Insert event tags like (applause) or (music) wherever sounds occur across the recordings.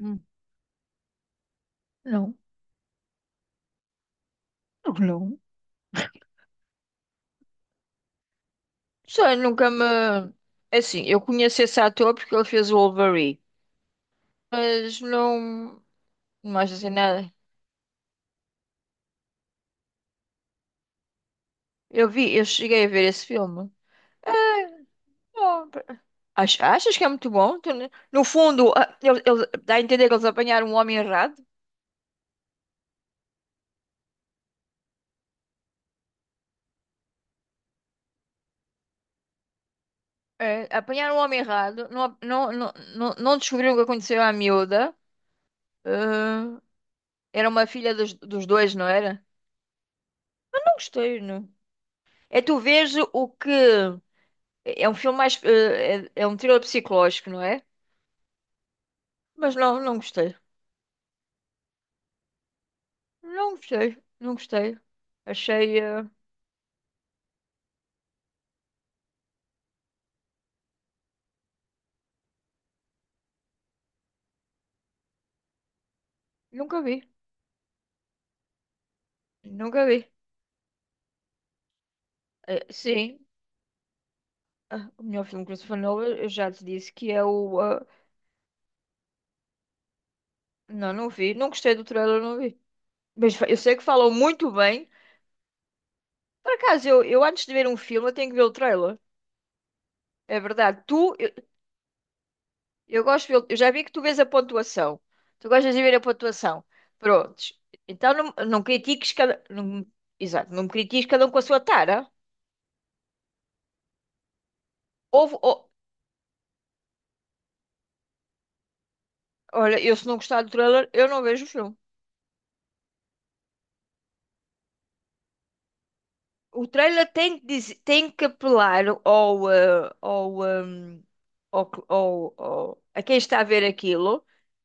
Hum. Não, não. Sei, nunca me. Assim, eu conheço esse ator porque ele fez o Wolverine, mas não. Não mais assim nada. Eu vi, eu cheguei a ver esse filme. É, não, achas que é muito bom? No fundo, dá a entender que eles apanharam um homem errado. É, apanharam um homem errado, não, não, não, não, não descobriram o que aconteceu à miúda. Ah, era uma filha dos dois, não era? Não gostei, não. É tu vês o que. É um filme mais. É um thriller psicológico, não é? Mas não, não gostei. Não gostei. Não gostei. Achei. Nunca vi. Nunca vi. Sim. O melhor filme que Christopher Nolan, eu já te disse que é o. Não, não vi. Não gostei do trailer, não vi. Mas eu sei que falam muito bem. Por acaso, eu antes de ver um filme, eu tenho que ver o trailer. É verdade. Tu, eu gosto, eu já vi que tu vês a pontuação. Tu gostas de ver a pontuação. Prontos. Então não, não critiques cada. Não, exato, não me critiques cada um com a sua tara. Houve, olha, eu se não gostar do trailer, eu não vejo o filme. O trailer tem que, dizer, tem que apelar ao, eh, ao, ao, que- ao- ao- a quem está a ver aquilo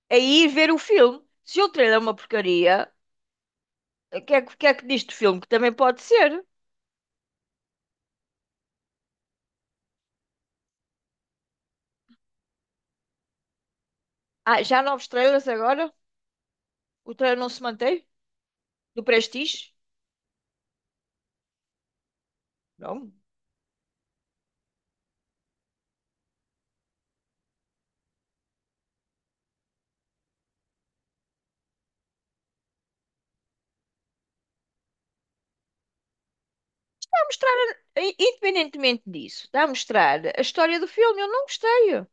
a ir ver o filme. Se o trailer é uma porcaria, o que é que diz do filme? Que também pode ser. Ah, já há novos trailers agora? O trailer não se mantém? Do Prestige. Não. Está a mostrar, independentemente disso, está a mostrar a história do filme. Eu não gostei.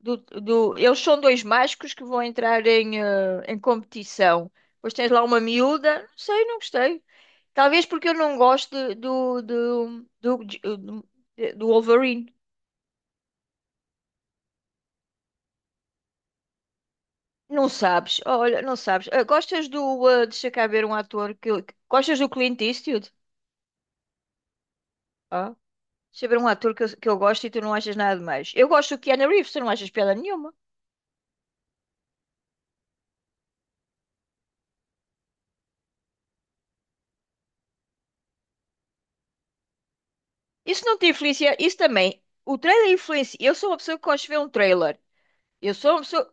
Eles são dois mágicos que vão entrar em competição. Depois tens lá uma miúda. Não sei, não gostei. Talvez porque eu não gosto do, do, do Wolverine. Não sabes, olha, não sabes. Ah, gostas do. Deixa cá ver um ator que. Gostas do Clint Eastwood? Ah. Sobre um ator que eu gosto e tu não achas nada de mais. Eu gosto do Keanu Reeves, tu não achas piada nenhuma. Isso não te influencia, isso também. O trailer influencia. Eu sou uma pessoa que gosto de ver um trailer. Eu sou uma pessoa.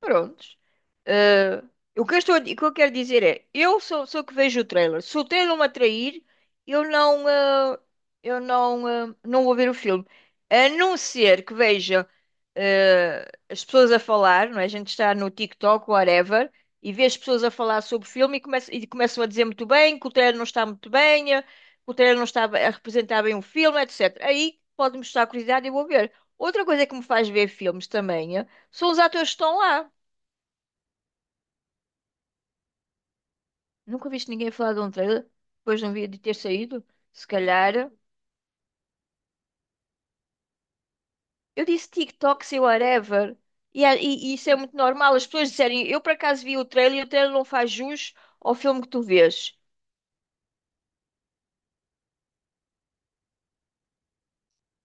Prontos. Eh, o que eu estou, o que eu quero dizer é, eu sou que vejo o trailer. Se o trailer me atrair, eu não, eh, eu não, eh, não vou ver o filme. A não ser que veja, as pessoas a falar, não é? A gente está no TikTok, whatever, e vê as pessoas a falar sobre o filme e, começam a dizer muito bem que o trailer não está muito bem, que o trailer não está a representar bem o filme, etc. Aí pode-me estar curiosidade e eu vou ver. Outra coisa que me faz ver filmes também, são os atores que estão lá. Nunca viste ninguém falar de um trailer depois de um vídeo ter saído? Se calhar. Eu disse TikTok, sei whatever. E isso é muito normal. As pessoas disserem, eu por acaso vi o trailer e o trailer não faz jus ao filme que tu vês.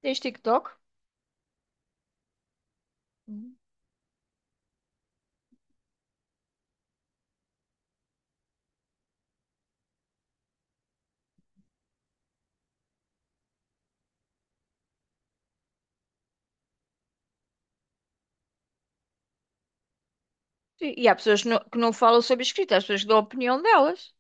Tens TikTok? Hum. Sim. E há pessoas que não falam sobre escrita, há pessoas que dão a opinião delas.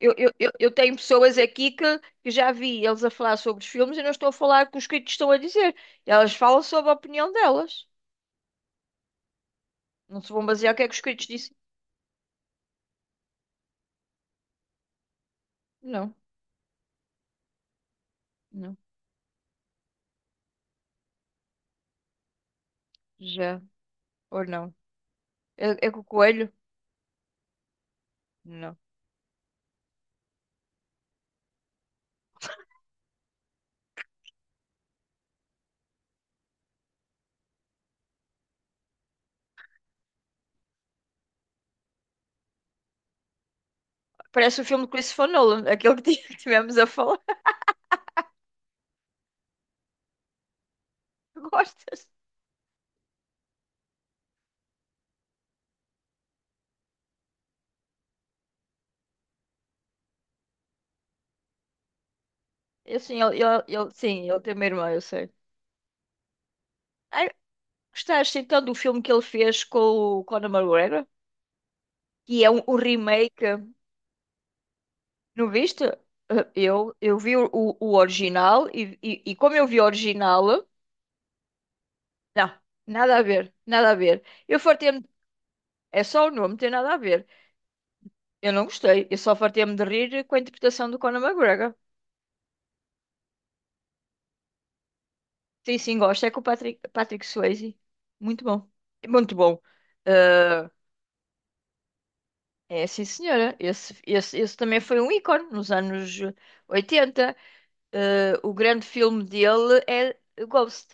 Eu tenho pessoas aqui que já vi eles a falar sobre os filmes e não estou a falar o que os críticos estão a dizer. Elas falam sobre a opinião delas. Não se vão basear o que é que os críticos dizem. Não, não. Já. Ou não. É com o coelho? Não. Parece o filme do Christopher Nolan, aquele (laughs) que tivemos a falar. (laughs) Gostas? Eu, sim, sim, ele tem uma irmã, eu sei. Ai, gostaste então do filme que ele fez com o Conor McGregor? Que é um remake. Não viste? Eu vi o original e como eu vi o original, não, nada a ver, nada a ver. Eu fartei-me, é só o nome, não tem nada a ver. Eu não gostei, eu só fartei-me de rir com a interpretação do Conor McGregor. Sim, sim, gosto. É com o Patrick Swayze. Muito bom. Muito bom. Ah, é, sim, senhora. Esse também foi um ícone nos anos 80. Ah, o grande filme dele é Ghost.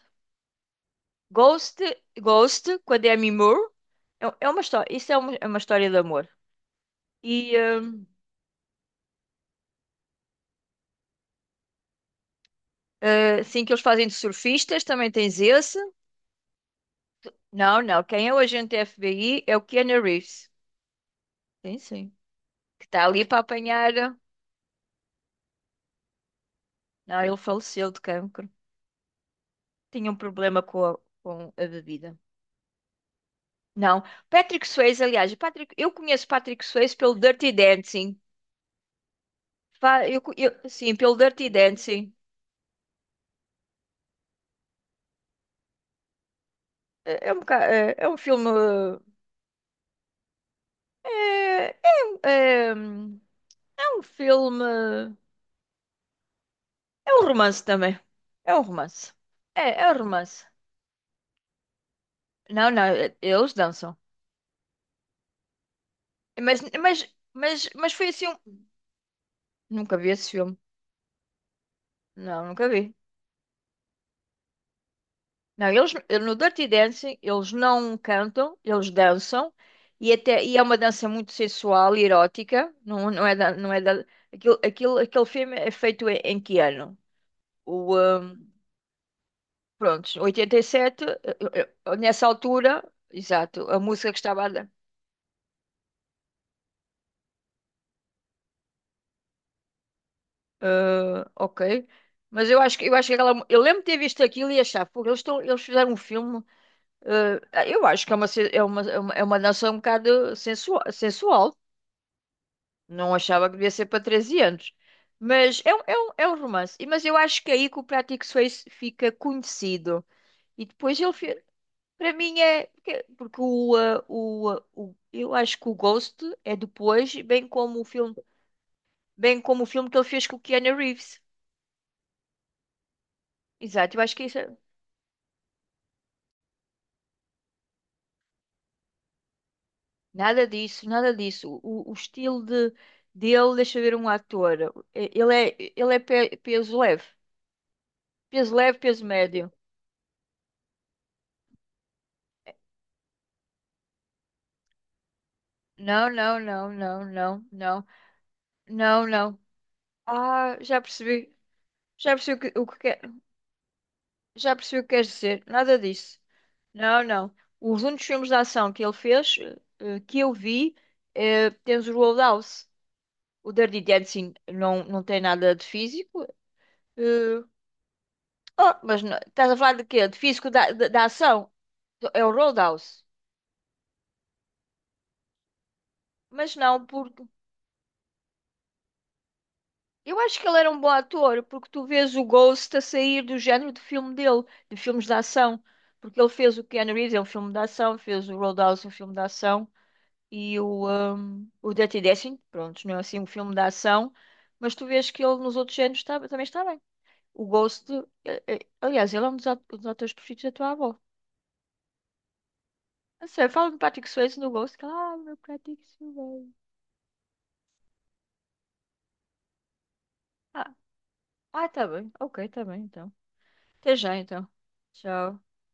Ghost, Ghost, com a Demi Moore. É uma história, isso é uma história de amor. E ah, sim, que eles fazem de surfistas, também tens esse. Não, não. Quem é o agente FBI é o Keanu Reeves. Sim, sim. Que está ali para apanhar. Não, ele faleceu de cancro. Tinha um problema com a bebida. Não, Patrick Swayze, aliás, o Patrick, eu conheço Patrick Swayze pelo Dirty Dancing. Sim, pelo Dirty Dancing. É um filme. É, é, um- é, um- é um filme. É um romance também. É um romance. É um romance. Não, não, eles dançam. Mas foi assim. Nunca vi esse filme. Não, nunca vi. Não, eles no Dirty Dancing eles não cantam, eles dançam e até e é uma dança muito sensual e erótica. Não, aquele filme é feito em que ano? O um, Pronto, 87, nessa altura, exato, a música que estava a dar. Ah, ok. Mas eu acho que aquela, eu lembro de ter visto aquilo e achar, pô, eles fizeram um filme. eh, eu acho que é uma, é uma dança um bocado sensual, sensual. Não achava que devia ser para 13 anos. Mas é um romance. Mas eu acho que é aí que o Prático Suíço fica conhecido. E depois ele, para mim, é. Porque eu acho que o Ghost é depois, bem como o filme, bem como o filme que ele fez com o Keanu Reeves. Exato, eu acho que isso. Nada disso, nada disso. O estilo de, dele, deixa eu ver um ator. Ele é peso leve. Peso leve, peso médio. Não, não, não, não, não, não. Não, não. Ah, já percebi. Já percebi o que quer. Já percebi o que queres dizer. Nada disso. Não, não. Os únicos filmes de ação que ele fez, que eu vi, temos o Roadhouse. O Dirty Dancing não, não tem nada de físico. eh, oh, mas estás a falar de quê? De físico da ação? É o Roadhouse. Mas não, por, eu acho que ele era um bom ator, porque tu vês o Ghost a sair do género de filme dele, de filmes de ação. Porque ele fez o Keanu Reeves, é um filme de ação, fez o Roadhouse, é um filme de ação, e o Dirty Dancing, pronto, não é assim um filme de ação, mas tu vês que ele nos outros géneros também está bem. O Ghost, aliás, ele é um dos atores preferidos da tua avó. Não sei, fala de Patrick Swayze no Ghost, que ela, ah, meu Patrick Swayze. Ah, tá bem, ok, tá bem, então. Até já, então. Tchau.